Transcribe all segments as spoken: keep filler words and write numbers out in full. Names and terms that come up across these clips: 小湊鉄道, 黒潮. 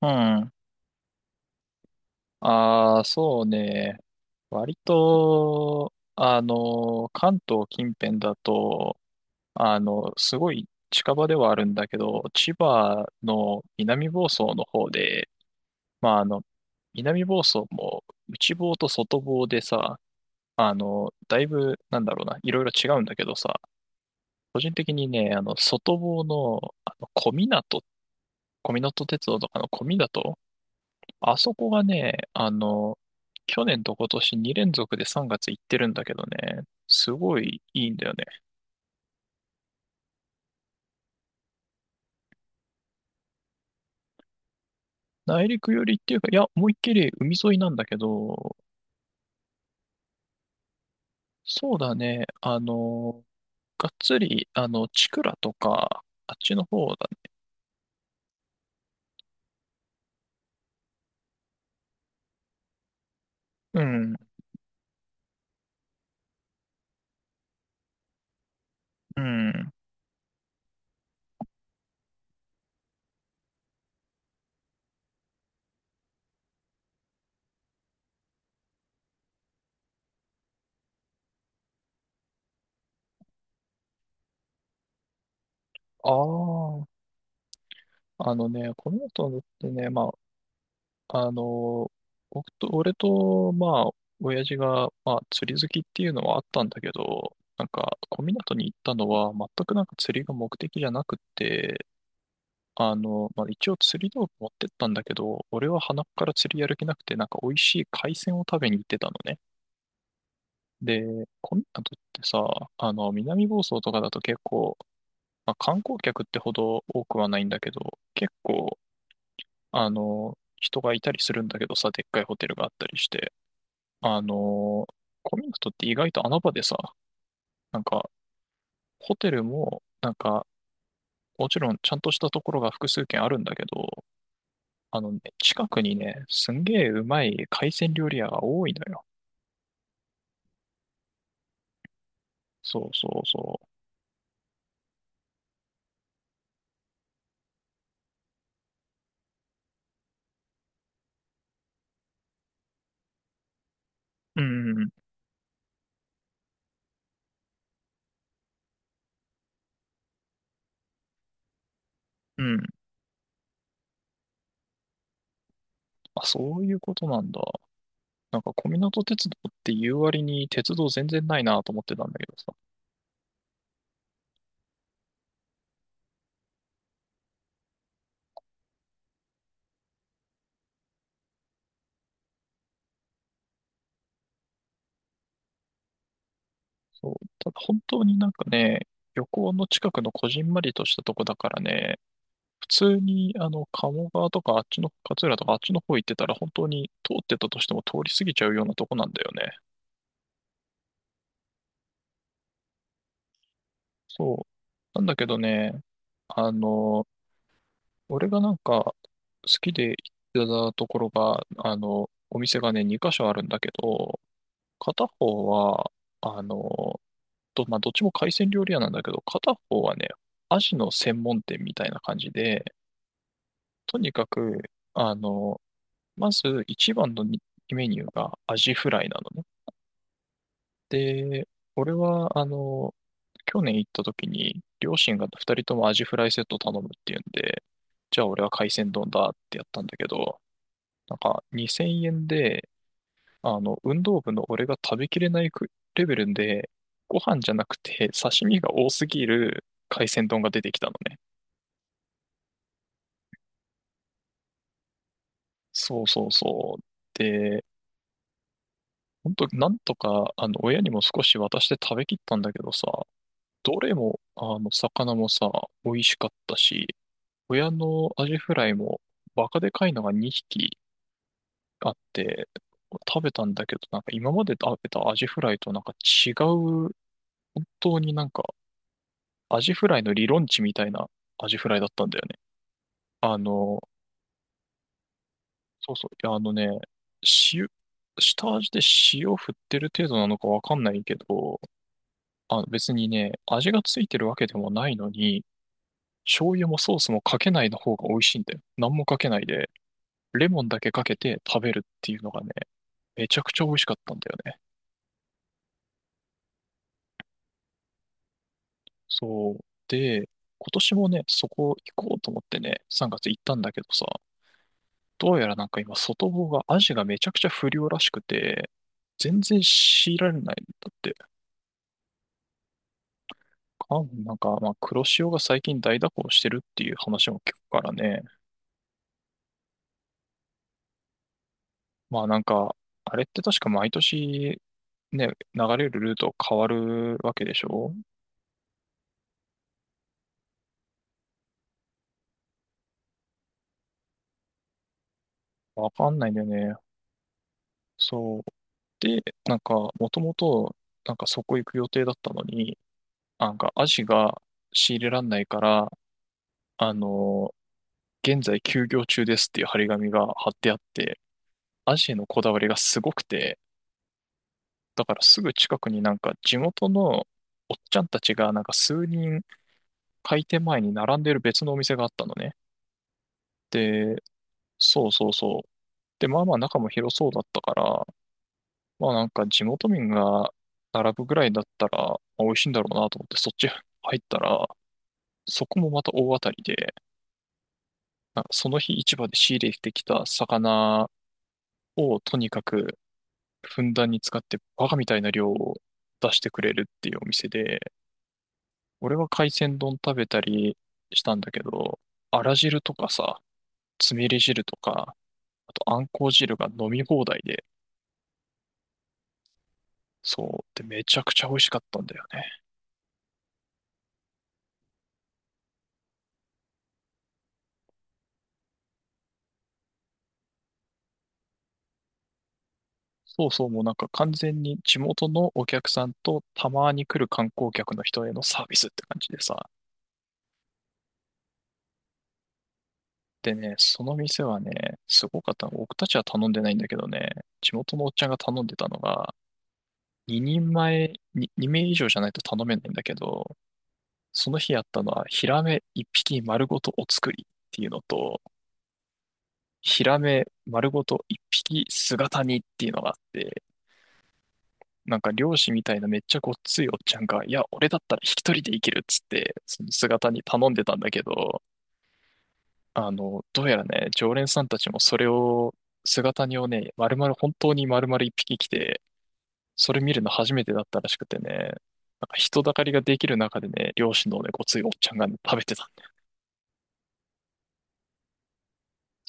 うん。ああ、そうね。割と、あの、関東近辺だと、あの、すごい近場ではあるんだけど、千葉の南房総の方で、まあ、あの、南房総も内房と外房でさ、あの、だいぶ、なんだろうな、いろいろ違うんだけどさ、個人的にね、あの、外房の、あの、小湊、小湊鉄道とかの小湊あそこがね、あの、去年と今年に連続でさんがつ行ってるんだけどね、すごいいいんだよね。内陸寄りっていうか、いや、思いっきり海沿いなんだけど、そうだね、あの、がっつり、あの、チクラとか、あっちの方だね。うん、うん。ああ、あのね、この後ってね、まあ、あの、僕と、俺と、まあ、親父が、まあ、釣り好きっていうのはあったんだけど、なんか、小湊に行ったのは、全くなんか釣りが目的じゃなくって、あの、まあ、一応釣り道具持ってったんだけど、俺は鼻から釣りやる気なくて、なんか美味しい海鮮を食べに行ってたのね。で、小湊ってさ、あの、南房総とかだと結構、まあ、観光客ってほど多くはないんだけど、結構、あの、人がいたりするんだけどさ、でっかいホテルがあったりして。あのーコミットって意外と穴場でさ、なんか、ホテルも、なんか、もちろんちゃんとしたところが複数軒あるんだけど、あのね、近くにね、すんげえうまい海鮮料理屋が多いのよ。そうそうそう。うん、うん。うん、あ、そういうことなんだ。なんか、小湊鉄道って言う割に鉄道全然ないなと思ってたんだけどさ。そう。ただ本当になんかね、漁港の近くのこじんまりとしたとこだからね、普通に、あの、鴨川とか、あっちの、勝浦とか、あっちの方行ってたら、本当に通ってたとしても通り過ぎちゃうようなとこなんだよね。そう。なんだけどね、あの、俺がなんか、好きで行ってたところが、あの、お店がね、にかしょ箇所あるんだけど、片方は、あの、ど、まあ、どっちも海鮮料理屋なんだけど、片方はね、アジの専門店みたいな感じで、とにかく、あの、まず一番のにメニューがアジフライなのね。で、俺は、あの、去年行った時に、両親が二人ともアジフライセット頼むっていうんで、じゃあ俺は海鮮丼だってやったんだけど、なんかにせんえんで、あの、運動部の俺が食べきれないくレベルで、ご飯じゃなくて刺身が多すぎる海鮮丼が出てきたのね。そうそうそう。で、本当なんとか、あの、親にも少し渡して食べきったんだけどさ、どれも、あの、魚もさ、美味しかったし、親のアジフライもバカでかいのがにひきあって、食べたんだけど、なんか今まで食べたアジフライとなんか違う、本当になんかアジフライの理論値みたいなアジフライだったんだよね。あの、そうそう、いやあのね、塩、下味で塩振ってる程度なのかわかんないけど、あ、別にね、味がついてるわけでもないのに、醤油もソースもかけないの方が美味しいんだよ。何もかけないで、レモンだけかけて食べるっていうのがね、めちゃくちゃ美味しかったんだよね。そう。で、今年もね、そこ行こうと思ってね、さんがつ行ったんだけどさ、どうやらなんか今、外房が、アジがめちゃくちゃ不良らしくて、全然強られないんだって。かなんか、まあ、黒潮が最近大蛇行してるっていう話も聞くからね。まあなんか、あれって確か毎年ね、流れるルート変わるわけでしょ？わかんないんだよね。そう。で、なんか、もともと、なんかそこ行く予定だったのに、あ、なんか、アジが仕入れらんないから、あの現在休業中ですっていう張り紙が貼ってあって、アジへのこだわりがすごくて、だからすぐ近くになんか地元のおっちゃんたちがなんか数人開店前に並んでる別のお店があったのね。で、そうそうそう。で、まあまあ中も広そうだったから、まあなんか地元民が並ぶぐらいだったら、まあ美味しいんだろうなと思ってそっち入ったら、そこもまた大当たりで、あ、その日市場で仕入れてきた魚をとにかくふんだんに使ってバカみたいな量を出してくれるっていうお店で、俺は海鮮丼食べたりしたんだけど、あら汁とかさ、つみれ汁とか、あとあんこう汁が飲み放題で、そう、でめちゃくちゃ美味しかったんだよね。そうそう、もうなんか完全に地元のお客さんとたまに来る観光客の人へのサービスって感じでさ、でね、その店はね、すごかった。僕たちは頼んでないんだけどね、地元のおっちゃんが頼んでたのが、ににんまえ、にに名以上じゃないと頼めないんだけど、その日やったのは、ヒラメいっぴき丸ごとお作りっていうのと、ヒラメ丸ごといっぴき姿煮っていうのがあって、なんか漁師みたいなめっちゃごっついおっちゃんが、いや、俺だったら引き取りでいけるっつって、その姿煮頼んでたんだけど、あの、どうやらね、常連さんたちもそれを、姿煮をね、丸々、本当に丸々一匹来て、それ見るの初めてだったらしくてね、なんか人だかりができる中でね、漁師のね、ごついおっちゃんがね、食べてたんだ。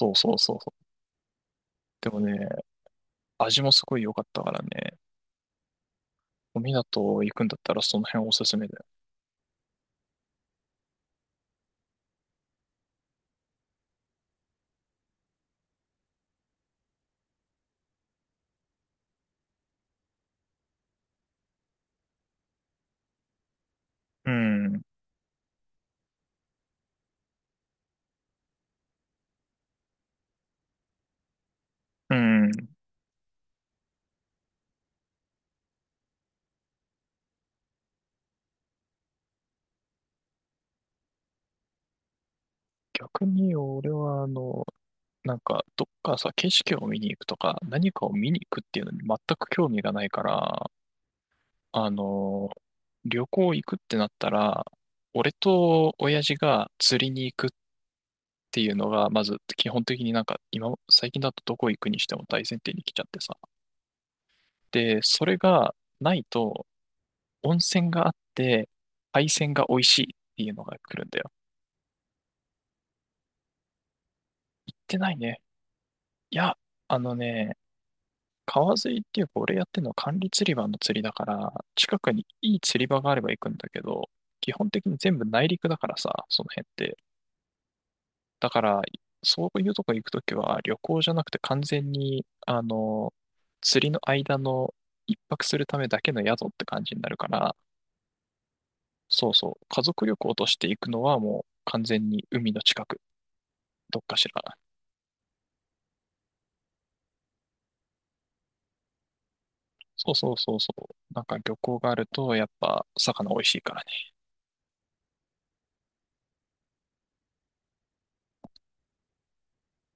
そうそうそうそう。でもね、味もすごい良かったからね、お港行くんだったらその辺おすすめだよ。うん、うん。逆に俺はあの、なんか、どっかさ、景色を見に行くとか、何かを見に行くっていうのに全く興味がないから、あの、旅行行くってなったら、俺と親父が釣りに行くっていうのが、まず基本的になんか今、最近だとどこ行くにしても大前提に来ちゃってさ。で、それがないと、温泉があって、海鮮が美味しいっていうのが来るんだよ。行ってないね。いや、あのね、川釣りっていうか俺やってるのは管理釣り場の釣りだから、近くにいい釣り場があれば行くんだけど、基本的に全部内陸だからさ、その辺って。だから、そういうとこ行くときは、旅行じゃなくて完全に、あの、釣りの間の一泊するためだけの宿って感じになるから、そうそう、家族旅行として行くのはもう完全に海の近く、どっかしら。そうそうそうそう。なんか漁港があると、やっぱ魚美味しいからね。